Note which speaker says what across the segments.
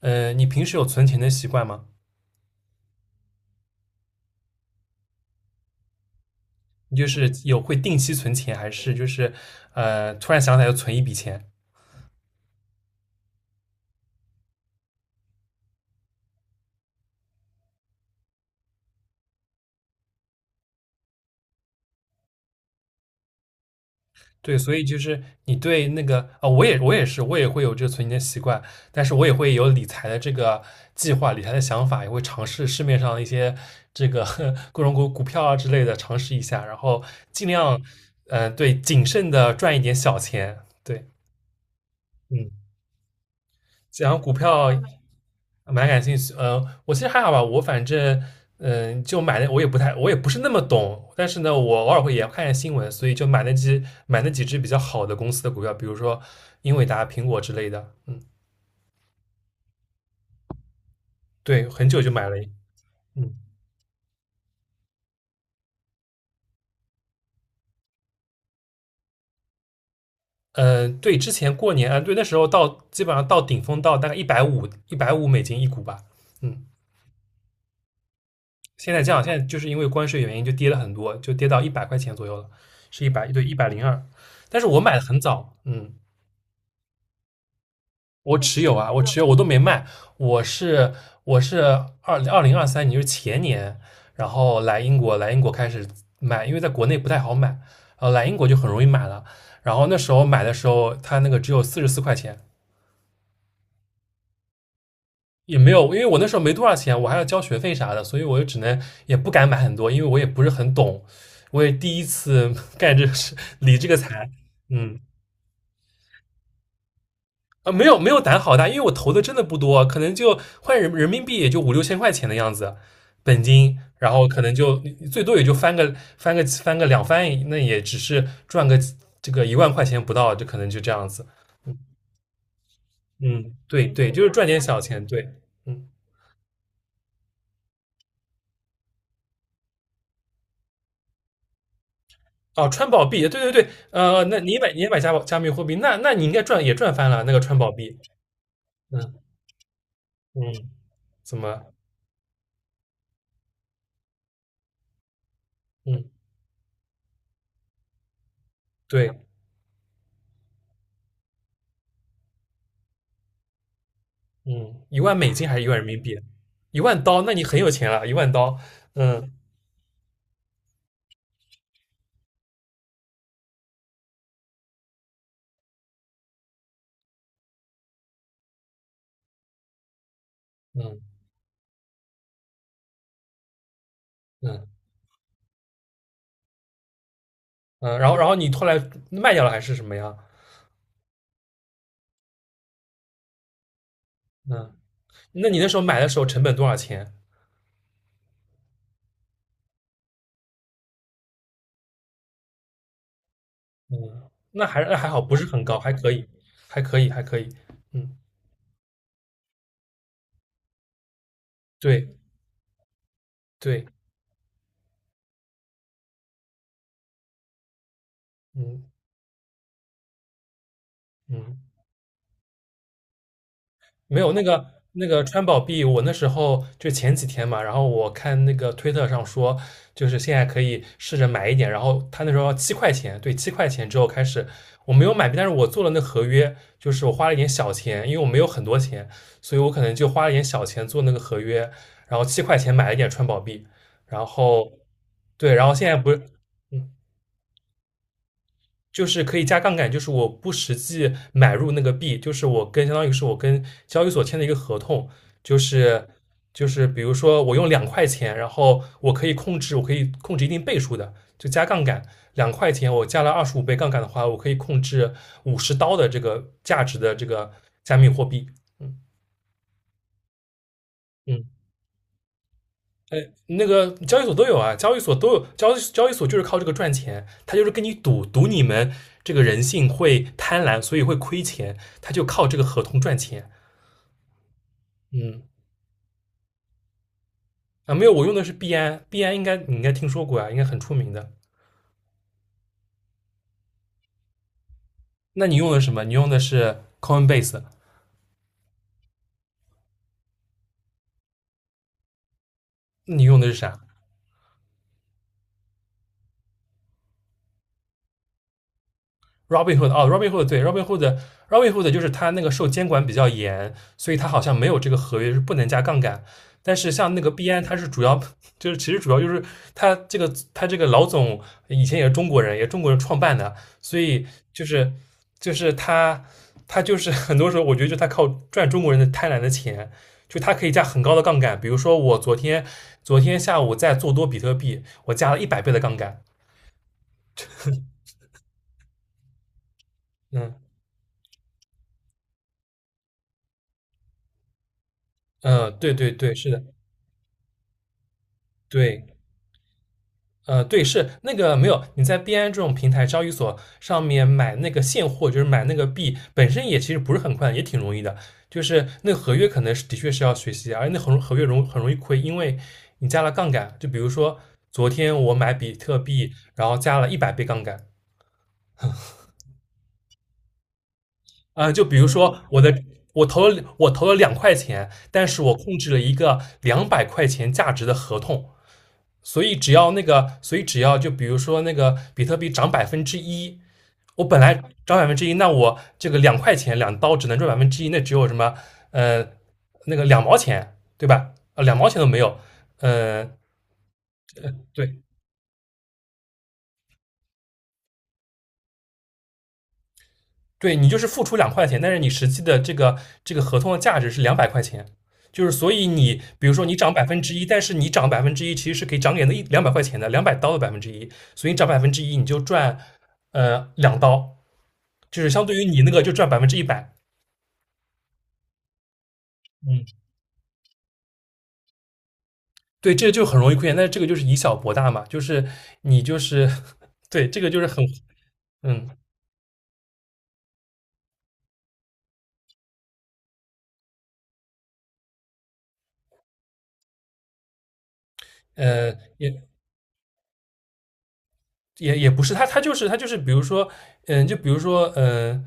Speaker 1: 你平时有存钱的习惯吗？你就是有会定期存钱，还是就是突然想起来就存一笔钱？对，所以就是你对那个我也是，我也会有这个存钱的习惯，但是我也会有理财的这个计划、理财的想法，也会尝试市面上一些这个 各种股票啊之类的尝试一下，然后尽量对谨慎的赚一点小钱。对，嗯，讲股票，蛮感兴趣。我其实还好吧，我反正就买的我也不太，我也不是那么懂，但是呢，我偶尔会也看看新闻，所以就买那几只比较好的公司的股票，比如说英伟达、苹果之类的。嗯，对，很久就买了一。嗯对，之前过年啊，对，那时候到基本上到顶峰到大概一百五美金一股吧。嗯，现在这样，现在就是因为关税原因就跌了很多，就跌到100块钱左右了，是一百对一百零二。一百零二，但是我买的很早，嗯。我持有啊，我持有，我都没卖。我是我是二零二三年，就是前年，然后来英国，来英国开始买，因为在国内不太好买，来英国就很容易买了。然后那时候买的时候，它那个只有44块钱，也没有，因为我那时候没多少钱，我还要交学费啥的，所以我就只能也不敢买很多，因为我也不是很懂，我也第一次 干这个事，理这个财，嗯。啊，没有没有胆好大，因为我投的真的不多，可能就换人民币也就五六千块钱的样子，本金，然后可能就最多也就翻个两翻，那也只是赚个这个1万块钱不到，就可能就这样子。嗯，嗯对对，就是赚点小钱，对，嗯。哦，川宝币，对对对，那你也买加密货币，那你应该赚也赚翻了那个川宝币。嗯嗯，怎么，嗯，对。嗯，1万美金还是1万人民币？一万刀，那你很有钱了，一万刀。嗯嗯嗯嗯，然后你后来卖掉了还是什么呀？嗯，那你那时候买的时候成本多少钱？嗯，那还好，不是很高，还可以，还可以，还可以。嗯，对对，嗯嗯。没有那个川宝币，我那时候就前几天嘛，然后我看那个推特上说，就是现在可以试着买一点，然后他那时候要七块钱，对，七块钱之后开始，我没有买币，但是我做了那合约，就是我花了一点小钱，因为我没有很多钱，所以我可能就花了一点小钱做那个合约，然后七块钱买了一点川宝币，然后对，然后现在不是。嗯。就是可以加杠杆，就是我不实际买入那个币，就是我跟相当于是我跟交易所签的一个合同，就是就是比如说我用两块钱，然后我可以控制，我可以控制一定倍数的，就加杠杆，两块钱我加了25倍杠杆的话，我可以控制50刀的这个价值的这个加密货币。嗯嗯。那个交易所都有啊，交易所都有交易所就是靠这个赚钱，他就是跟你赌你们这个人性会贪婪，所以会亏钱，他就靠这个合同赚钱。嗯没有，我用的是币安，币安应该你应该听说过啊，应该很出名的。那你用的什么？你用的是 Coinbase。那你用的是啥？Robinhood 哦，Robinhood 对，Robinhood 就是它那个受监管比较严，所以它好像没有这个合约是不能加杠杆。但是像那个币安，它是主要就是其实主要就是它这个老总以前也是中国人，也是中国人创办的，所以就是就是他他就是 很多时候我觉得就他靠赚中国人的贪婪的钱，就他可以加很高的杠杆。比如说我昨天下午在做多比特币，我加了一百倍的杠杆。嗯嗯，对对对，是的，对。对，是那个没有，你在币安这种平台交易所上面买那个现货，就是买那个币，本身也其实不是很快，也挺容易的。就是那个合约可能是的确是要学习，而且那合约容很容易亏，因为你加了杠杆。就比如说昨天我买比特币，然后加了一百倍杠杆。就比如说我投了两块钱，但是我控制了一个两百块钱价值的合同，所以只要那个，所以只要就比如说那个比特币涨百分之一，我本来涨百分之一，那我这个两块钱两刀只能赚百分之一，那只有什么呃那个两毛钱对吧？两毛钱都没有，呃，对对，你就是付出两块钱，但是你实际的这个合同的价值是两百块钱，就是所以你比如说你涨百分之一，但是你涨百分之一其实是可以涨给那一两百块钱的，两百刀的百分之一，所以你涨百分之一你就赚两刀，就是相对于你那个就赚100%，嗯。对，这就很容易亏钱，但是这个就是以小博大嘛，就是你就是 对这个就是很嗯呃也。也不是，他就是他就是，比如说，嗯，就比如说，嗯，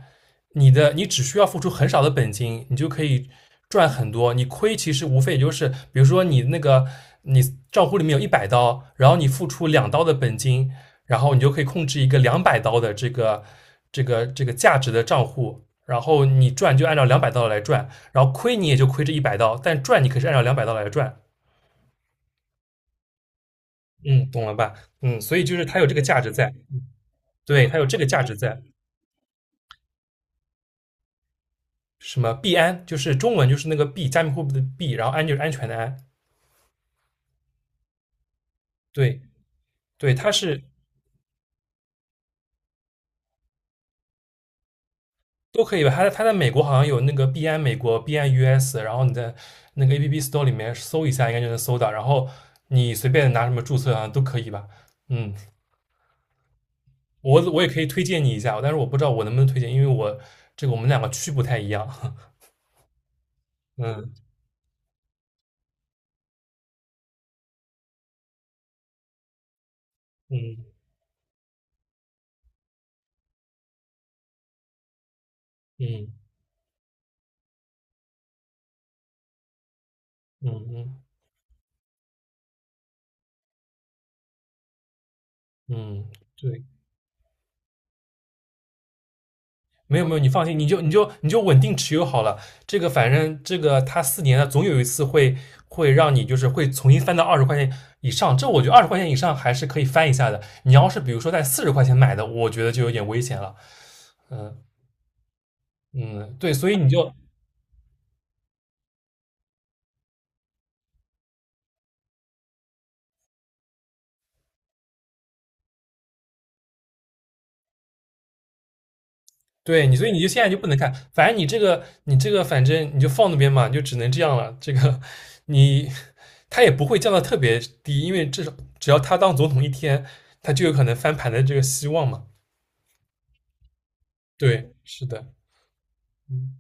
Speaker 1: 你只需要付出很少的本金，你就可以赚很多。你亏其实无非也就是，比如说你那个你账户里面有一百刀，然后你付出两刀的本金，然后你就可以控制一个两百刀的这个价值的账户，然后你赚就按照两百刀来赚，然后亏你也就亏这一百刀，但赚你可是按照两百刀来赚。嗯，懂了吧？嗯，所以就是它有这个价值在，对，它有这个价值在。什么币安，就是中文就是那个币，加密货币的币，然后安就是安全的安。对对，它是都可以吧？它在美国好像有那个币安美国、币安 US,然后你在那个 APP Store 里面搜一下，应该就能搜到。然后你随便拿什么注册好像都可以吧？嗯，我也可以推荐你一下，但是我不知道我能不能推荐，因为我这个我们两个区不太一样。嗯嗯嗯嗯嗯嗯，对。没有没有，你放心，你就稳定持有好了。这个反正这个它4年了，总有一次会让你就是会重新翻到二十块钱以上。这我觉得二十块钱以上还是可以翻一下的。你要是比如说在40块钱买的，我觉得就有点危险了。嗯，对，所以你就对你，所以你就现在就不能看。反正你这个反正你就放那边嘛，就只能这样了。这个你它也不会降到特别低，因为至少只要他当总统一天，他就有可能翻盘的这个希望嘛。对，是的。嗯，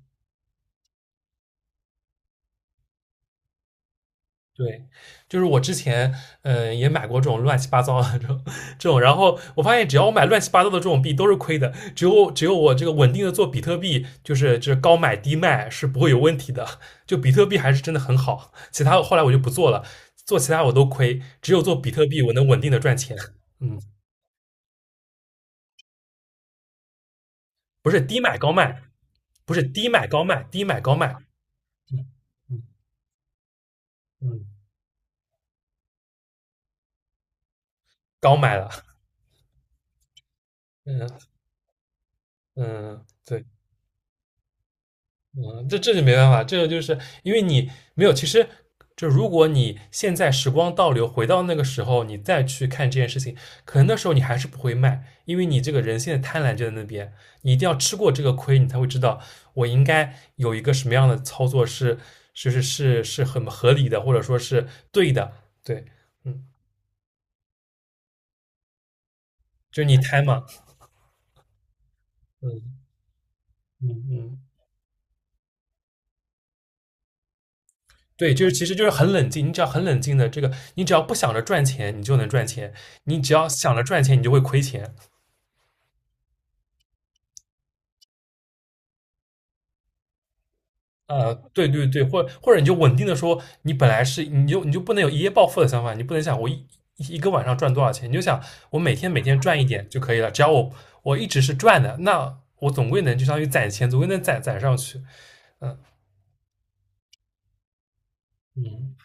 Speaker 1: 对，就是我之前也买过这种乱七八糟的这种，然后我发现只要我买乱七八糟的这种币都是亏的，只有我这个稳定的做比特币，就是高买低卖是不会有问题的，就比特币还是真的很好，其他后来我就不做了，做其他我都亏，只有做比特币我能稳定的赚钱，嗯，不是低买高卖，不是低买高卖，低买高卖。嗯嗯嗯，高买了，嗯嗯，对。嗯，这就没办法，这个就是因为你没有，其实就如果你现在时光倒流，回到那个时候，你再去看这件事情，可能那时候你还是不会卖，因为你这个人性的贪婪就在那边，你一定要吃过这个亏，你才会知道我应该有一个什么样的操作是很合理的，或者说是对的，对，嗯，就是你贪嘛，嗯嗯嗯。对，就是其实就是很冷静，你只要很冷静的这个，你只要不想着赚钱，你就能赚钱；你只要想着赚钱，你就会亏钱。对对对，或者你就稳定的说，你本来是你就不能有一夜暴富的想法，你不能想一个晚上赚多少钱，你就想我每天赚一点就可以了，只要我一直是赚的，那我总归能就相当于攒钱，总归能攒上去。嗯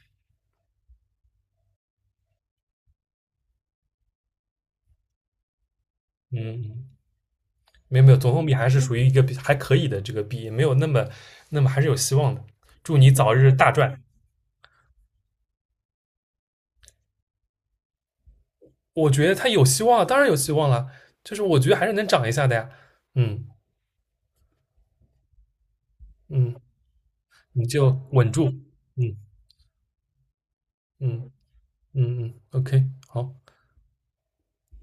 Speaker 1: 嗯，没有没有，总共比还是属于一个比还可以的这个币，没有那么还是有希望的。祝你早日大赚。我觉得他有希望，当然有希望了，就是我觉得还是能涨一下的呀。嗯嗯，你就稳住。嗯嗯嗯嗯，OK,好。